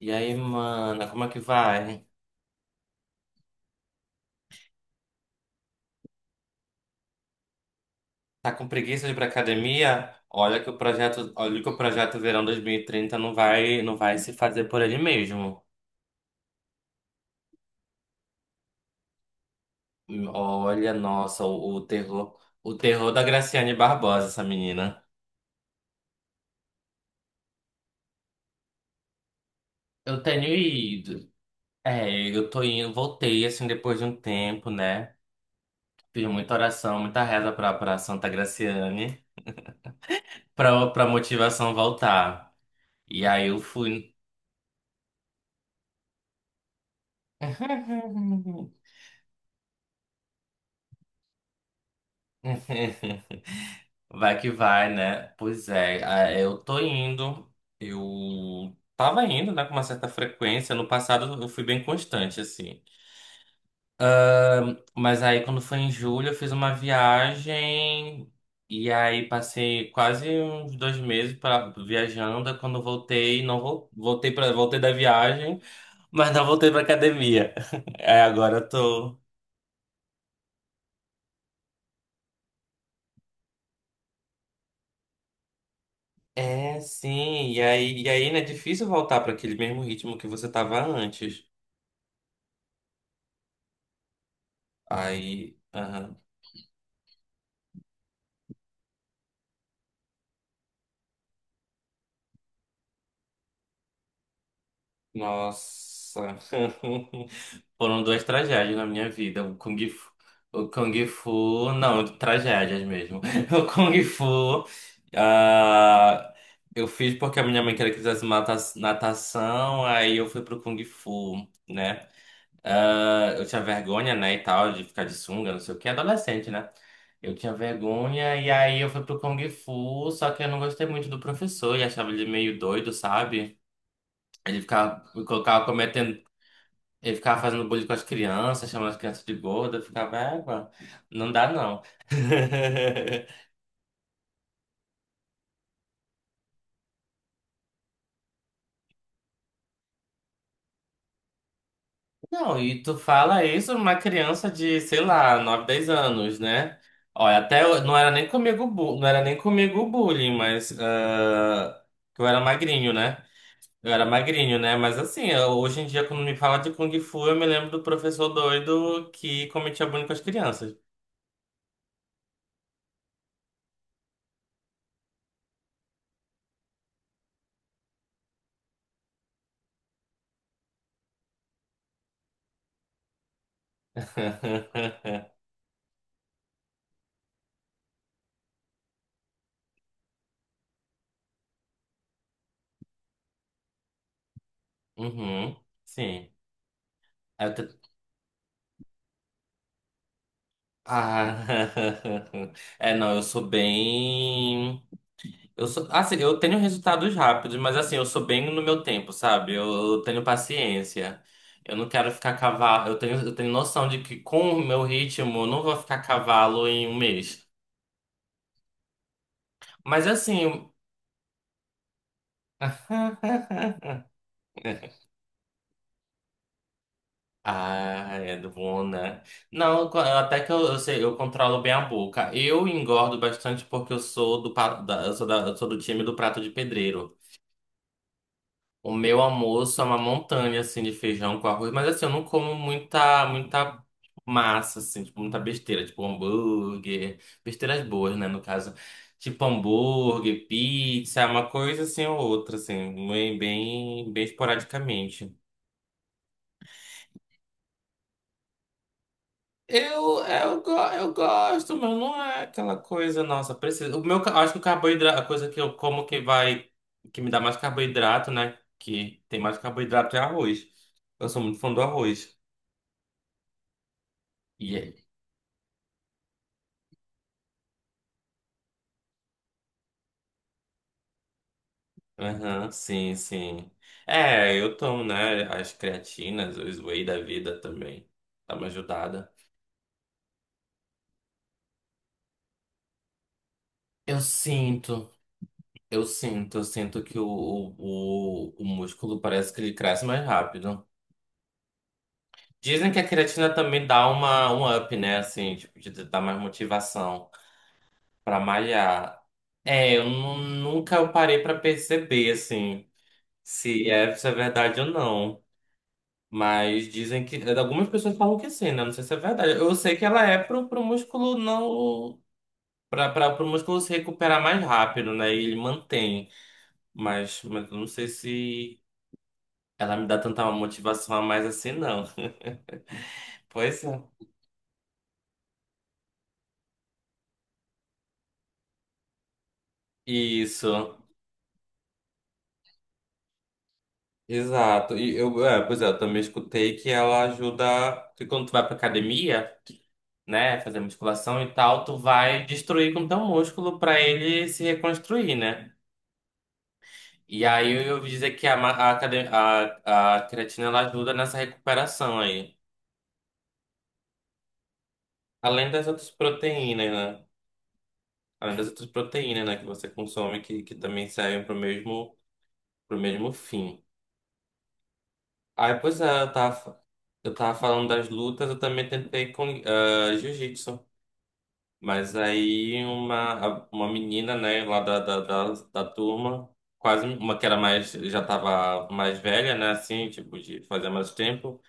E aí, mana, como é que vai? Tá com preguiça de ir pra academia? Olha que o projeto Verão 2030 não vai se fazer por ele mesmo. Olha, nossa, o terror da Graciane Barbosa, essa menina. Eu tenho ido. É, eu tô indo, voltei assim depois de um tempo, né? Fiz muita oração, muita reza pra Santa Graciane, pra motivação voltar. E aí eu fui. Vai que vai, né? Pois é, eu tô indo. Eu tava indo, né, com uma certa frequência. No passado eu fui bem constante, assim. Mas aí quando foi em julho eu fiz uma viagem e aí passei quase uns 2 meses viajando. Aí quando voltei, não vol- voltei para voltei da viagem, mas não voltei pra academia. É, agora eu tô. É, sim. E aí, né, é difícil voltar para aquele mesmo ritmo que você tava antes. Aí, aham. Nossa. Foram duas tragédias na minha vida. O Kung Fu, não, tragédias mesmo. O Kung Fu, ah, eu fiz porque a minha mãe queria que eu fizesse natação, aí eu fui pro Kung Fu, né? Ah, eu tinha vergonha, né, e tal, de ficar de sunga, não sei o que, adolescente, né? Eu tinha vergonha e aí eu fui pro Kung Fu, só que eu não gostei muito do professor e achava ele meio doido, sabe? Ele ficava, ele colocava cometendo, ele ficava fazendo bullying com as crianças, chamando as crianças de gorda, eu ficava, égua, não dá não. Não, e tu fala isso uma criança de, sei lá, 9 10 anos, né? Olha, até não era nem comigo, não era nem comigo o bullying, mas que eu era magrinho, né? Eu era magrinho, né? Mas assim, hoje em dia, quando me fala de Kung Fu, eu me lembro do professor doido que cometia bullying com as crianças. Uhum, sim. Ah, é, não, eu sou bem. Eu sou, assim, eu tenho resultados rápidos, mas assim, eu sou bem no meu tempo, sabe? Eu tenho paciência. Eu não quero ficar cavalo. Eu tenho noção de que com o meu ritmo, eu não vou ficar cavalo em um mês. Mas assim. Ah, é bom, né? Não, até que eu sei, eu controlo bem a boca. Eu engordo bastante porque eu sou do, pa- da- eu sou do time do prato de pedreiro. O meu almoço é uma montanha, assim, de feijão com arroz. Mas, assim, eu não como muita, muita massa, assim. Tipo, muita besteira. Tipo, hambúrguer. Besteiras boas, né, no caso. Tipo, hambúrguer, pizza. Uma coisa, assim, ou outra, assim. Bem, bem, bem esporadicamente. Eu gosto, mas não é aquela coisa, nossa, precisa. Acho que o carboidrato, a coisa que eu como que vai, que me dá mais carboidrato, né? Que tem mais carboidrato é arroz. Eu sou muito fã do arroz. E aí? Aham, sim, sim. É, eu tomo, né, as creatinas, os whey da vida também. Dá uma ajudada. Eu sinto, eu sinto que o músculo parece que ele cresce mais rápido. Dizem que a creatina também dá um up, né, assim, tipo, de dar mais motivação pra malhar. É, eu nunca parei pra perceber, assim, se é verdade ou não. Mas dizem que. Algumas pessoas falam que sim, né? Não sei se é verdade. Eu sei que ela é pro músculo não. Pro músculo se recuperar mais rápido, né? E ele mantém. Mas eu não sei se ela me dá tanta motivação a mais assim, não. Pois é. Isso. Exato. E eu, é, pois é, eu também escutei que ela ajuda. Que quando tu vai pra academia, né? Fazer musculação e tal, tu vai destruir com teu músculo pra ele se reconstruir, né? E aí eu ouvi dizer que a, ma- a, cre- a creatina ela ajuda nessa recuperação aí. Além das outras proteínas, né? Além das outras proteínas, né, que você consome, que também servem pro mesmo, fim. Aí, pois é, eu tava falando das lutas, eu também tentei com jiu-jitsu. Mas aí uma menina, né, lá da turma, quase uma que era mais, já tava mais velha, né, assim, tipo, de fazer mais tempo.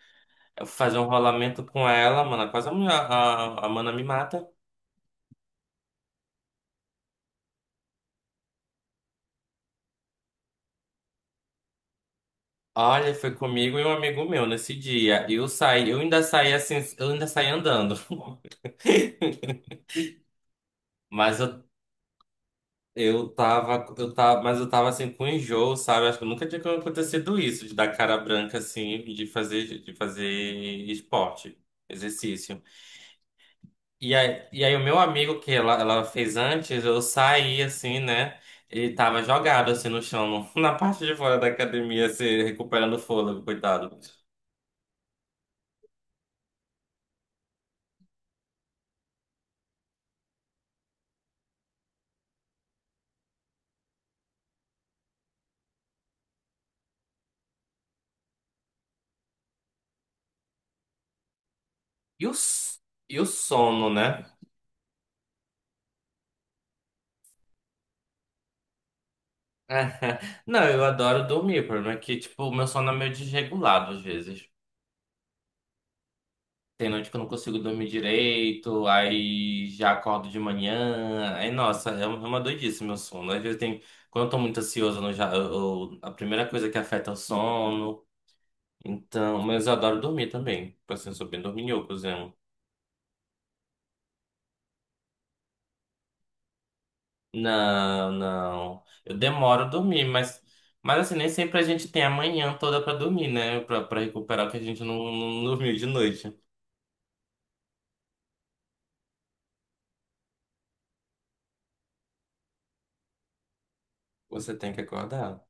Fazer um rolamento com ela, mano. É quase a, a mana me mata. Olha, foi comigo e um amigo meu nesse dia. Eu saí, eu ainda saí assim, eu ainda saí andando. Mas eu tava, mas eu tava assim com enjoo, sabe? Acho que nunca tinha acontecido isso, de dar cara branca assim, de fazer esporte, exercício. E aí o meu amigo que ela fez antes, eu saí assim, né? Ele tava jogado assim no chão, na parte de fora da academia, se recuperando o fôlego, coitado. E o, s- e o sono, né? Não, eu adoro dormir, o problema é que, tipo, o meu sono é meio desregulado às vezes. Tem noite que eu não consigo dormir direito, aí já acordo de manhã. Aí, nossa, é uma doidice meu sono. Às vezes tem. Quando eu tô muito ansioso, eu não já, a primeira coisa que afeta é o sono. Então, mas eu adoro dormir também. Tipo assim, eu sou bem dorminhocozinho. Não, não. Eu demoro a dormir, mas assim, nem sempre a gente tem a manhã toda pra dormir, né? Pra recuperar o que a gente não dormiu de noite. Você tem que acordar.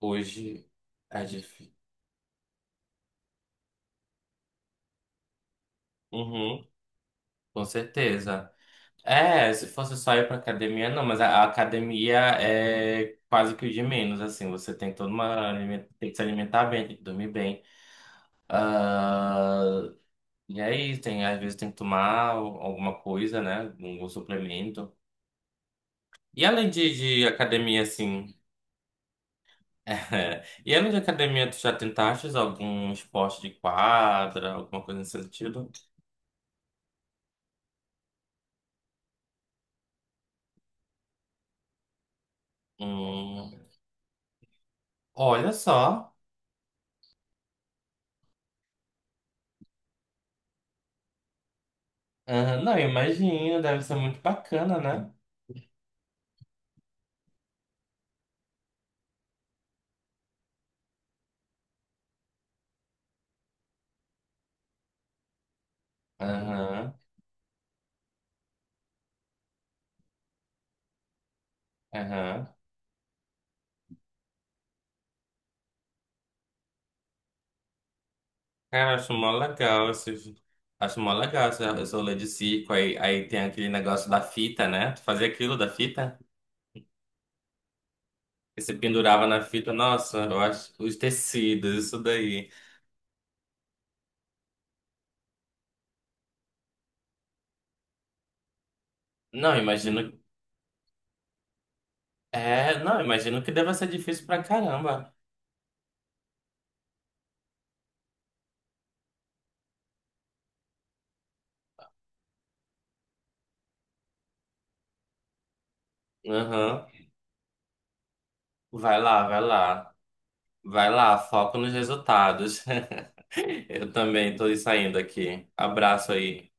Hoje é difícil. Uhum, com certeza. É, se fosse só ir pra academia, não, mas a academia é quase que o de menos, assim. Você tem toda uma. Tem que se alimentar bem, tem que dormir bem. E aí, tem, às vezes tem que tomar alguma coisa, né? Um suplemento. E além de academia, assim. E além de academia, tu já tentaste algum esporte de quadra, alguma coisa nesse sentido? Hum, olha só. Aham, não, eu imagino, deve ser muito bacana, né? Aham, aham. Cara, acho mó legal esse Acho mó legal esse rolê de circo. Aí tem aquele negócio da fita, né? Tu fazia aquilo da fita? E você pendurava na fita, nossa, eu acho os tecidos, isso daí. Não, imagino. É, não, imagino que deva ser difícil pra caramba. Aham. Vai lá, vai lá. Vai lá, foco nos resultados. Eu também tô saindo aqui. Abraço aí.